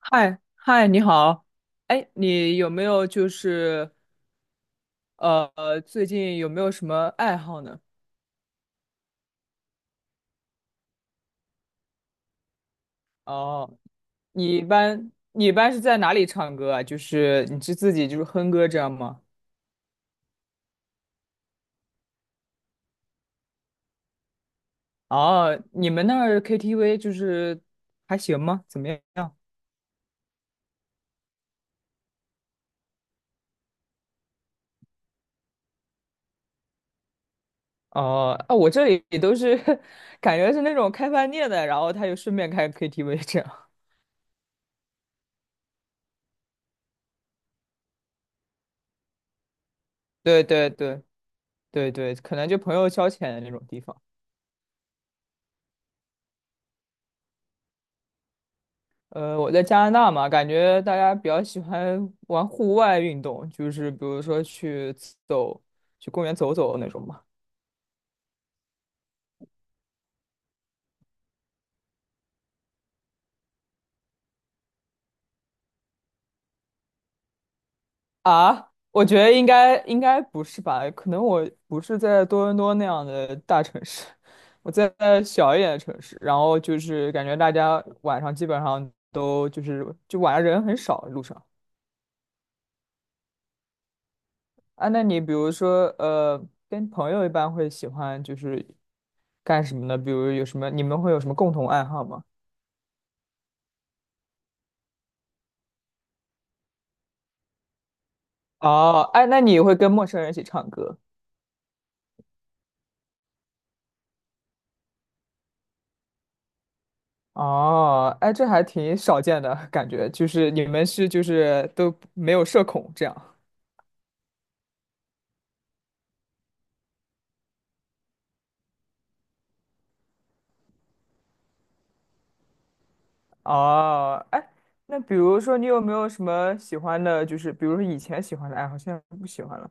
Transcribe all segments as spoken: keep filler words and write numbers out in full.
嗨嗨，你好。哎，你有没有就是呃最近有没有什么爱好呢？哦，你一般你一般是在哪里唱歌啊？就是你是自己就是哼歌这样吗？哦，你们那儿 K T V 就是还行吗？怎么样？哦，啊，我这里都是 感觉是那种开饭店的，然后他就顺便开 K T V 这样。对对对对对，可能就朋友消遣的那种地方。呃，我在加拿大嘛，感觉大家比较喜欢玩户外运动，就是比如说去走，去公园走走那种嘛。啊，我觉得应该应该不是吧？可能我不是在多伦多那样的大城市，我在小一点的城市。然后就是感觉大家晚上基本上都就是就晚上人很少路上。啊，那你比如说呃，跟朋友一般会喜欢就是干什么呢？比如有什么你们会有什么共同爱好吗？哦，哎，那你会跟陌生人一起唱歌？哦，哎，这还挺少见的感觉，就是你们是就是都没有社恐这样。哦，哎，那比如说你有没有什么喜欢的，就是比如说以前喜欢的爱好，现在不喜欢了？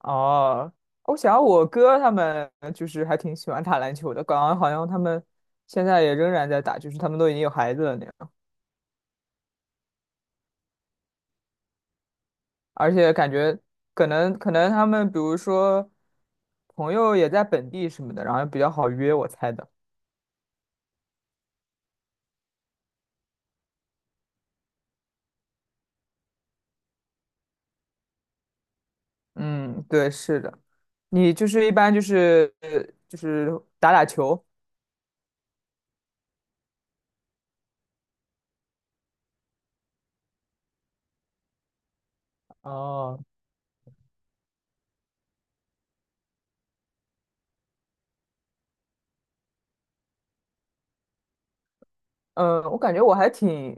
哦，我想我哥他们就是还挺喜欢打篮球的，感觉好像他们现在也仍然在打，就是他们都已经有孩子了那样。而且感觉可能可能他们比如说朋友也在本地什么的，然后比较好约，我猜的。嗯，对，是的。你就是一般就是就是打打球。哦，嗯，呃我感觉我还挺，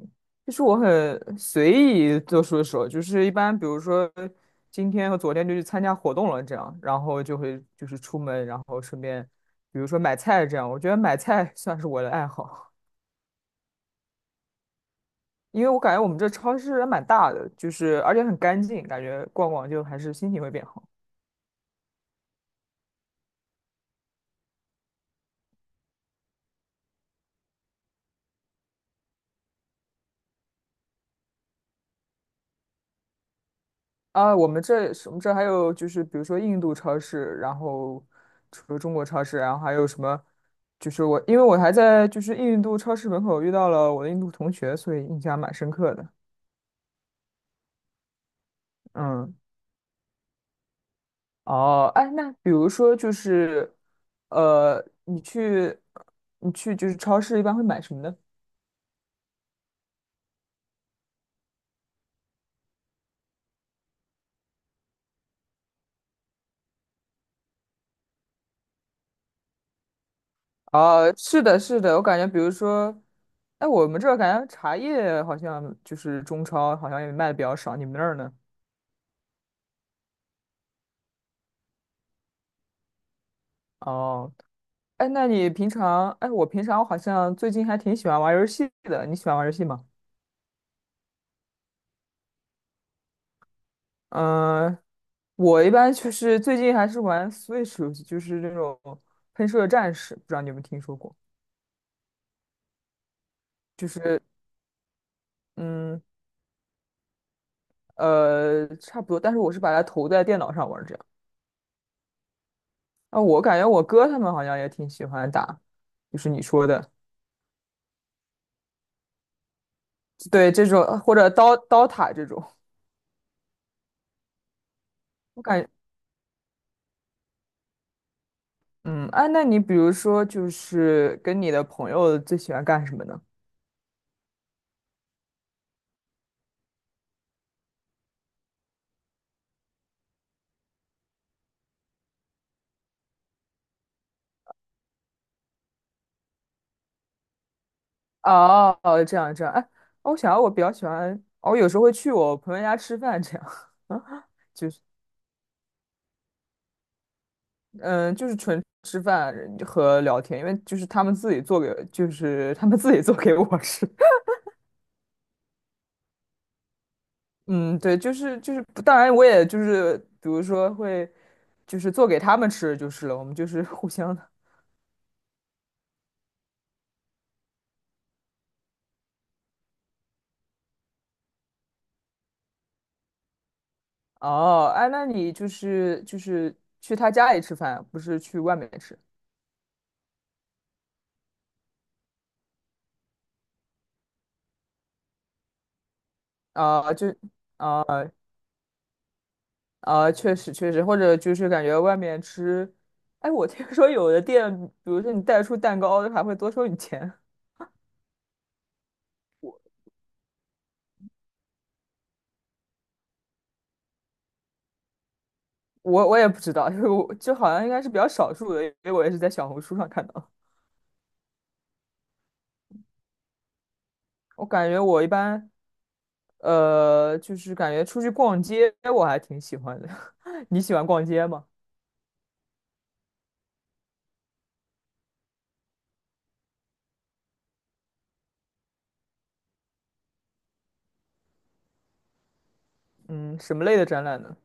就是我很随意做出的时候，就是一般比如说今天和昨天就去参加活动了这样，然后就会就是出门，然后顺便比如说买菜这样，我觉得买菜 算是我的爱好。因为我感觉我们这超市还蛮大的，就是而且很干净，感觉逛逛就还是心情会变好啊。我们这我们这还有就是比如说印度超市，然后除了中国超市，然后还有什么？就是我因为我还在就是印度超市门口遇到了我的印度同学，所以印象蛮深刻的。嗯，哦，哎，那比如说就是呃，你去你去就是超市一般会买什么呢？啊，是的，是的，我感觉，比如说，哎，我们这儿感觉茶叶好像就是中超好像也卖的比较少，你们那儿呢？哦，哎，那你平常，哎，我平常好像最近还挺喜欢玩游戏的，你喜欢玩游戏吗？嗯、我一般就是最近还是玩 Switch 游戏，就是那种喷射战士，不知道你有没有听说过？就是嗯呃，差不多，但是我是把它投在电脑上玩儿这样。啊，我感觉我哥他们好像也挺喜欢打，就是你说的。对这种或者刀刀塔这种，我感觉嗯，哎，那你比如说就是跟你的朋友最喜欢干什么呢？哦，哦这样这样，哎，哦我想我比较喜欢，我有时候会去我朋友家吃饭这样，嗯，就是纯吃饭和聊天，因为就是他们自己做给，就是他们自己做给我吃。嗯，对，就是就是，当然我也就是，比如说会，就是做给他们吃就是了，我们就是互相的。哦，哎，那你就是就是去他家里吃饭，不是去外面吃啊？就啊，确实确实，或者就是感觉外面吃，哎，我听说有的店，比如说你带出蛋糕，还会多收你钱。我我也不知道，就是我就好像应该是比较少数的，因为我也是在小红书上看到。我感觉我一般呃，就是感觉出去逛街，我还挺喜欢的。你喜欢逛街吗？嗯，什么类的展览呢？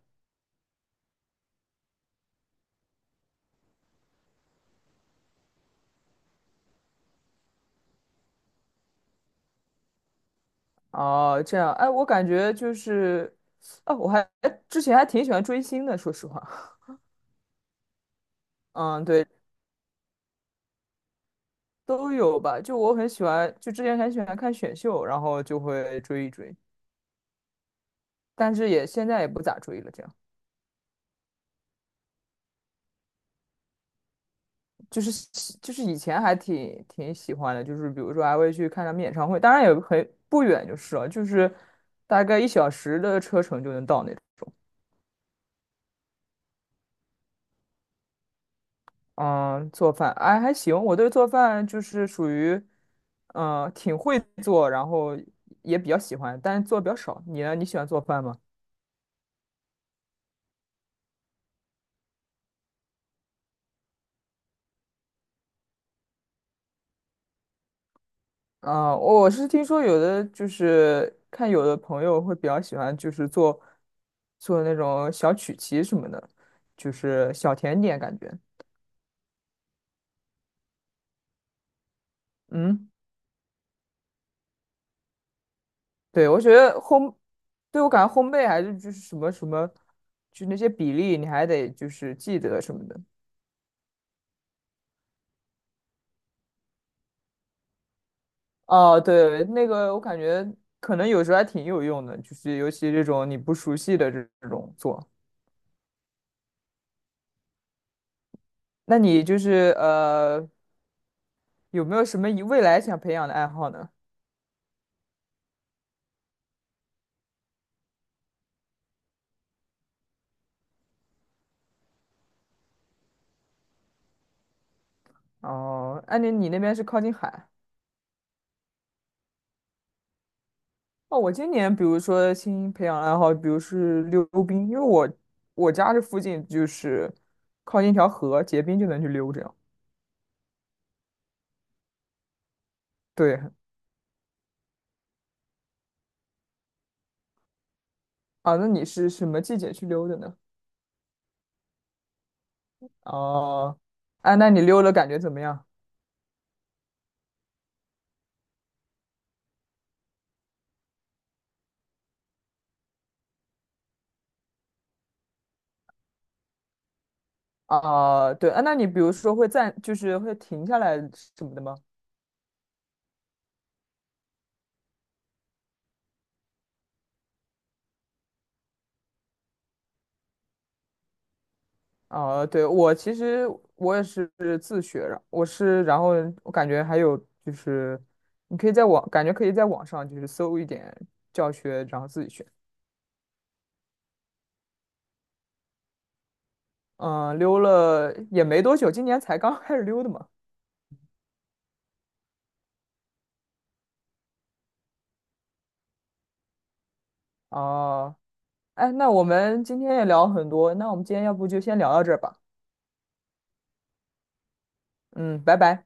哦，这样，哎，我感觉就是，啊，我还之前还挺喜欢追星的，说实话。嗯，对，都有吧。就我很喜欢，就之前很喜欢看选秀，然后就会追一追，但是也现在也不咋追了。这样，就是喜就是以前还挺挺喜欢的，就是比如说还会去看他们演唱会，当然也很不远就是了，就是大概一小时的车程就能到那。嗯，做饭，哎，还行。我对做饭就是属于，嗯，挺会做，然后也比较喜欢，但是做的比较少。你呢？你喜欢做饭吗？啊、我是听说有的就是看有的朋友会比较喜欢，就是做做那种小曲奇什么的，就是小甜点感觉。嗯，对，我觉得烘，对我感觉烘焙还是就是什么什么，就那些比例你还得就是记得什么的。哦，对，那个我感觉可能有时候还挺有用的，就是尤其这种你不熟悉的这这种做。那你就是呃，有没有什么以未来想培养的爱好呢？哦，安妮，你那边是靠近海。哦，我今年比如说新培养爱好，比如是溜冰，因为我我家这附近就是靠近一条河，结冰就能去溜这样。对，啊，那你是什么季节去溜的呢？哦，哎，那你溜的感觉怎么样？啊、对啊，那你比如说会暂，就是会停下来什么的吗？啊、对，我其实我也是自学的，我是，然后我感觉还有就是，你可以在网，感觉可以在网上就是搜一点教学，然后自己学。嗯、溜了也没多久，今年才刚 开始溜的嘛。哦、哎，那我们今天也聊很多，那我们今天要不就先聊到这儿吧。嗯，拜拜。